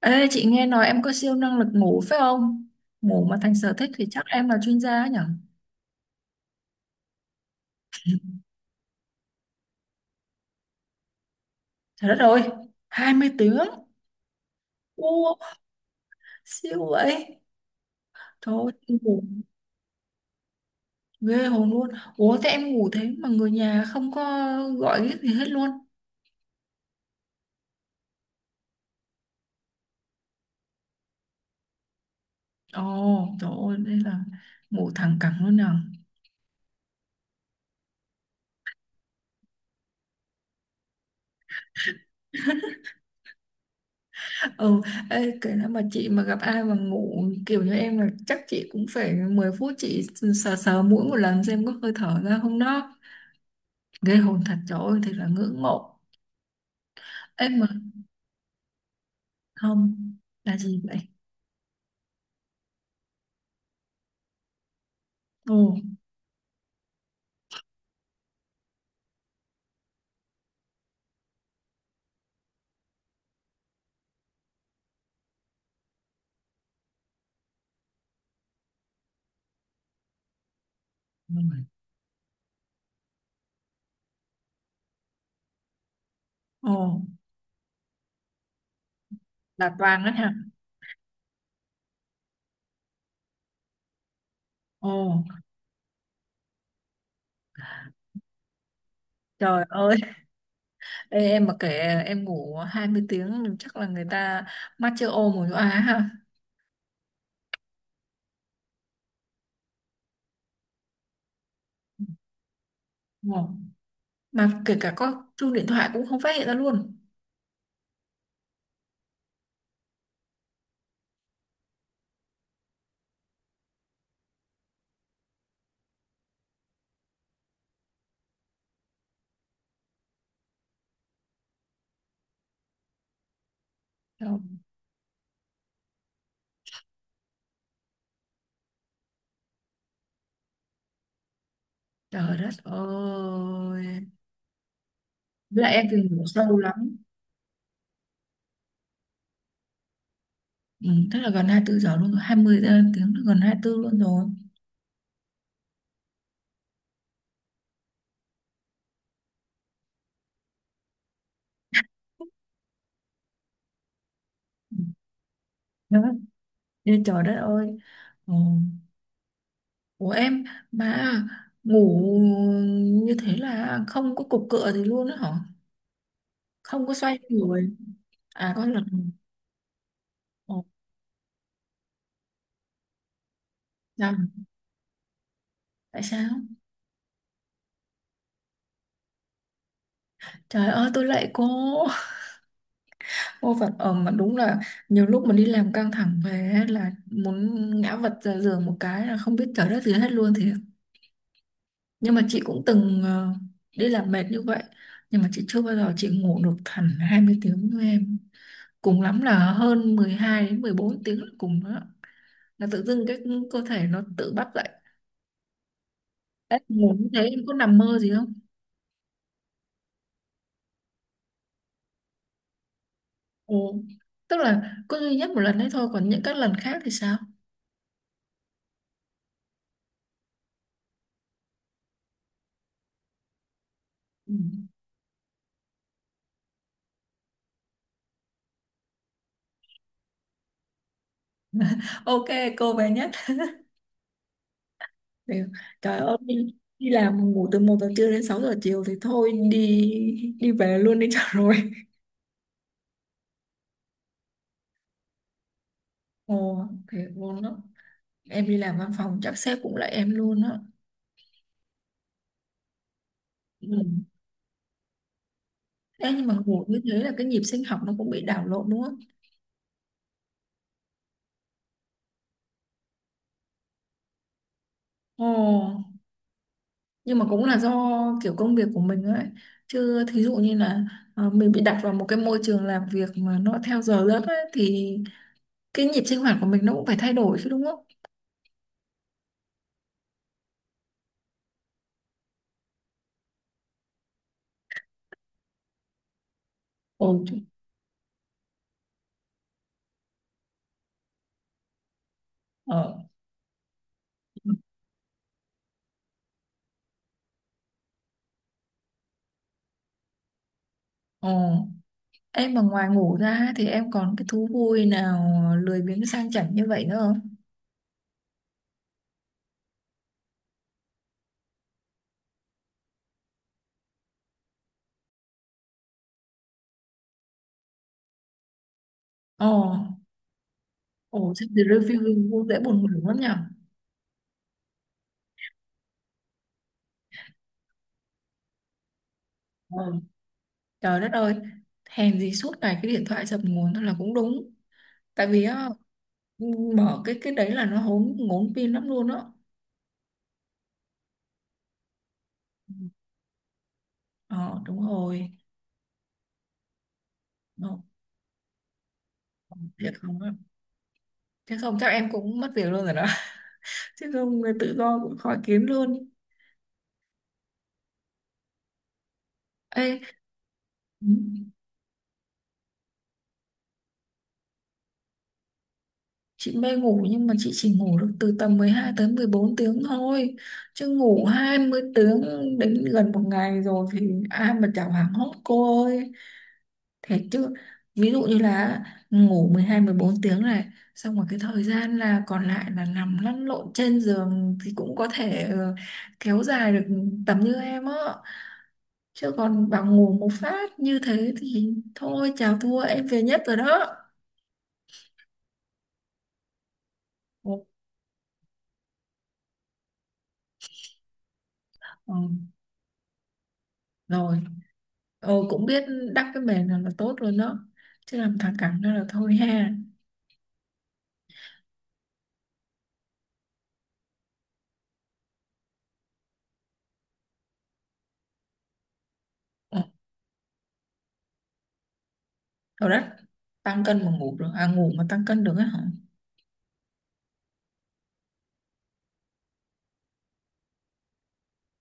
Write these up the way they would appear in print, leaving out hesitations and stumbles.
Ê, chị nghe nói em có siêu năng lực ngủ phải không? Ngủ mà thành sở thích thì chắc em là chuyên gia ấy nhở? Trời đất ơi, 20 tiếng. Ô, siêu vậy. Trời ơi, ngủ ghê hồn luôn. Ủa, thế em ngủ thế mà người nhà không có gọi cái gì hết luôn. Ồ, trời ơi, đây là ngủ thẳng cẳng luôn nào. Ừ, ê, kể nếu mà chị mà gặp ai mà ngủ kiểu như em là chắc chị cũng phải 10 phút chị sờ sờ mũi một lần xem có hơi thở ra không đó. Ghê hồn thật, trời ơi, thật là ngưỡng mộ. Ê mà không, là gì vậy? Ồ, ồ, là Toàn đó hả? Ồ, trời ơi. Ê, em mà kể em ngủ 20 tiếng thì chắc là người ta mắt chưa ô mù chỗ á ha. Ồ, mà kể cả có chuông điện thoại cũng không phát hiện ra luôn. Trời, trời đất ơi. Với lại em thì ngủ sâu lắm. Ừ, tức là gần 24 giờ luôn rồi, 20 tiếng, gần 24 luôn rồi. Ừ, đó. Ê, trời đất ơi. Ồ. Của em mà ngủ như thế là không có cục cựa gì luôn á hả? Không có xoay người à? Có lần. Ồ, sao? Tại sao? Trời ơi, tôi lạy cô. Cô vật ở mà đúng là nhiều lúc mà đi làm căng thẳng về á, là muốn ngã vật ra giường một cái là không biết trời đất gì hết luôn thì nhưng mà chị cũng từng đi làm mệt như vậy, nhưng mà chị chưa bao giờ chị ngủ được hẳn 20 tiếng như em, cùng lắm là hơn 12 đến 14 tiếng là cùng đó, là tự dưng cái cơ thể nó tự bắt dậy. Ê, ngủ như thế em có nằm mơ gì không? Ừ. Tức là có duy nhất một lần đấy thôi, còn những các lần khác thì sao? Ừ. Ok, cô bé nhất. Thì, trời ơi đi, đi làm mà ngủ từ 1 giờ trưa đến 6 giờ chiều thì thôi đi, đi về luôn đi cho rồi. Ồ, thế vốn đó. Em đi làm văn phòng chắc sếp cũng lại em luôn á. Ừ. Ừ. Ê, nhưng mà ngủ như thế là cái nhịp sinh học nó cũng bị đảo lộn đúng không? Ồ, nhưng mà cũng là do kiểu công việc của mình ấy, chứ thí dụ như là mình bị đặt vào một cái môi trường làm việc mà nó theo giờ giấc ấy, thì cái nhịp sinh hoạt của mình nó cũng phải thay đổi chứ đúng không? Ồ, trời. ờ ờ em mà ngoài ngủ ra ấy, thì em còn cái thú vui nào lười biếng sang chảnh như vậy nữa không? Ồ, ồ, xem the review cũng dễ buồn ngủ lắm nhở. Ờ. Trời đất ơi, hèn gì suốt ngày cái điện thoại dập nguồn thôi là cũng đúng. Tại vì á, mở cái đấy là nó hốn ngốn pin lắm luôn á. Ờ, đúng rồi. Ồ, thiệt không á? Thế không chắc em cũng mất việc luôn rồi đó. Chứ không người tự do cũng khó kiếm luôn. Ê, ừ, chị mê ngủ nhưng mà chị chỉ ngủ được từ tầm 12 tới 14 tiếng thôi. Chứ ngủ 20 tiếng đến gần một ngày rồi thì ai mà chả hoảng hốt cô ơi. Thế chứ ví dụ như là ngủ 12 14 tiếng này, xong rồi cái thời gian là còn lại là nằm lăn lộn trên giường thì cũng có thể kéo dài được tầm như em á. Chứ còn bảo ngủ một phát như thế thì thôi, chào thua, em về nhất rồi đó. Ồ, ừ, rồi, cũng biết đắp cái mền là tốt luôn đó. Chứ làm thằng cẳng đó là thôi ha. Ừ, rồi đấy, tăng cân mà ngủ được, à ngủ mà tăng cân được á hả?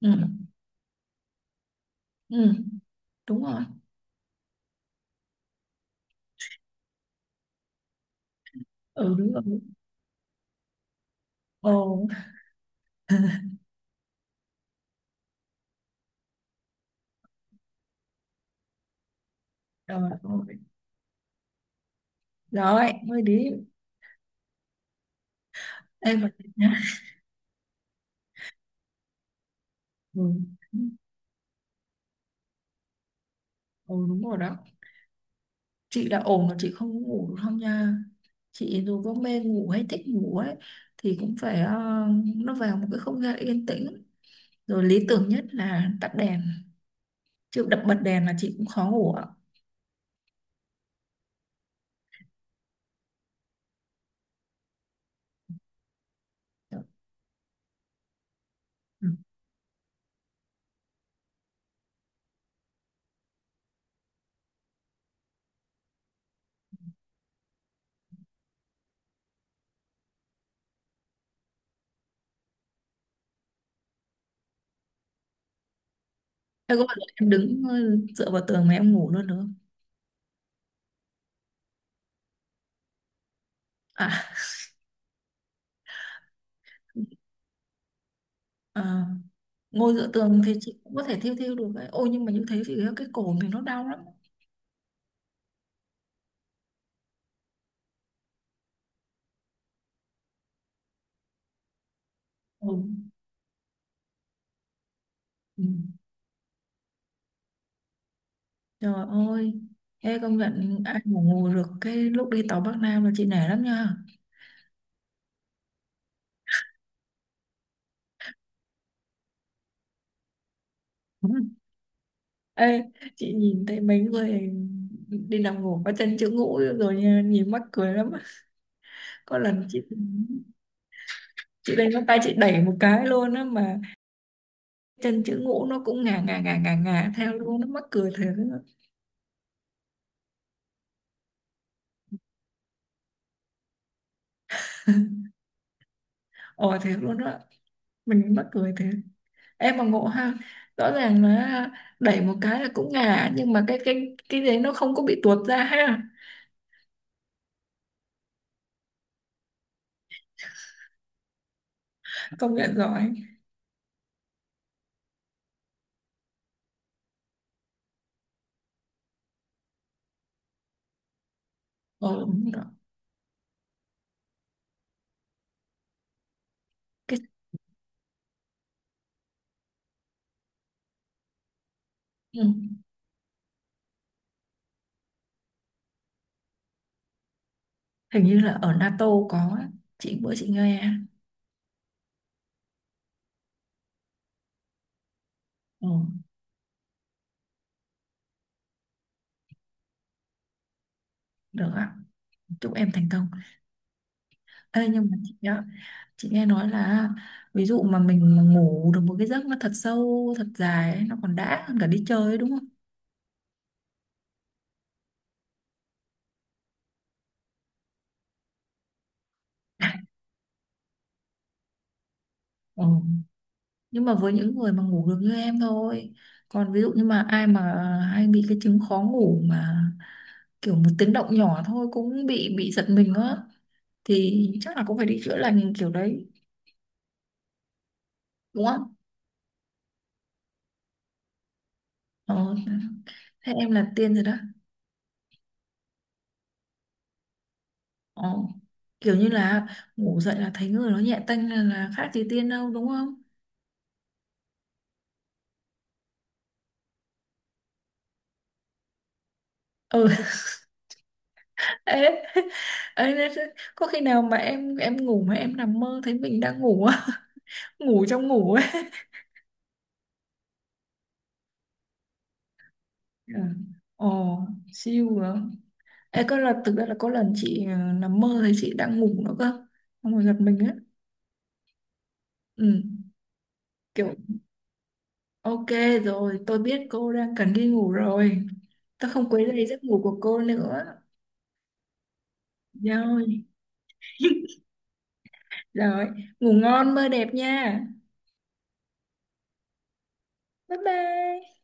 Ừ, ừ, đúng rồi. Ừ, đúng rồi. Ồ, rồi, rồi, rồi, mới đi. Ê, mà nhá. Ừ. Ồ, đúng rồi đó. Chị đã ổn mà chị không có ngủ được không nha. Chị dù có mê ngủ hay thích ngủ ấy, thì cũng phải nó vào một cái không gian yên tĩnh. Rồi lý tưởng nhất là tắt đèn. Chứ đập bật đèn là chị cũng khó ngủ ạ. Ừ. Thế có bao giờ em đứng dựa vào tường mà em ngủ luôn được không? À, à, ngồi dựa tường thì chị cũng có thể thiêu thiêu được ấy. Ôi nhưng mà như thế thì cái cổ mình nó đau lắm. Ừ. Ừ. Trời ơi, ê công nhận ai mà ngủ được cái lúc đi tàu Bắc Nam là chị nể lắm nha. Ê, chị nhìn thấy mấy người đi làm ngủ có chân chữ ngũ rồi nha, nhìn mắc cười lắm. Có lần chị lên ngón tay chị đẩy một cái luôn á, mà chân chữ ngũ nó cũng ngà ngà ngà ngà ngà theo luôn, nó mắc cười thiệt á. Ồ, thiệt luôn đó, mình mắc cười thiệt. Em mà ngộ ha, rõ ràng là đẩy một cái là cũng ngà, nhưng mà cái đấy nó không có bị tuột ra ha. Công nhận giỏi. Ờ, đúng rồi. Cái, ừ, hình như là ở NATO có á. Chị bữa chị nghe. Ừ, được ạ, chúc em thành công. Ê, nhưng mà chị, nhá, chị nghe nói là ví dụ mà mình mà ngủ được một cái giấc nó thật sâu thật dài ấy, nó còn đã hơn cả đi chơi ấy, đúng không? Ừ. Nhưng mà với những người mà ngủ được như em thôi, còn ví dụ như mà ai mà hay bị cái chứng khó ngủ mà kiểu một tiếng động nhỏ thôi cũng bị giật mình á, thì chắc là cũng phải đi chữa lành kiểu đấy đúng không? Ờ, thế em là tiên rồi đó. Ờ, kiểu như là ngủ dậy là thấy người nó nhẹ tênh là khác gì tiên đâu đúng không? Ừ. Ê, nên có khi nào mà em ngủ mà em nằm mơ thấy mình đang ngủ á, ngủ trong ngủ ấy. Ừ. Ồ, siêu rồi. Ê, có lần thực ra là có lần chị nằm mơ thấy chị đang ngủ nữa cơ. Xong rồi giật mình á. Ừ, kiểu ok rồi, tôi biết cô đang cần đi ngủ rồi. Tôi không quấy rầy giấc ngủ của cô nữa. Rồi. Rồi, ngủ ngon mơ đẹp nha. Bye bye.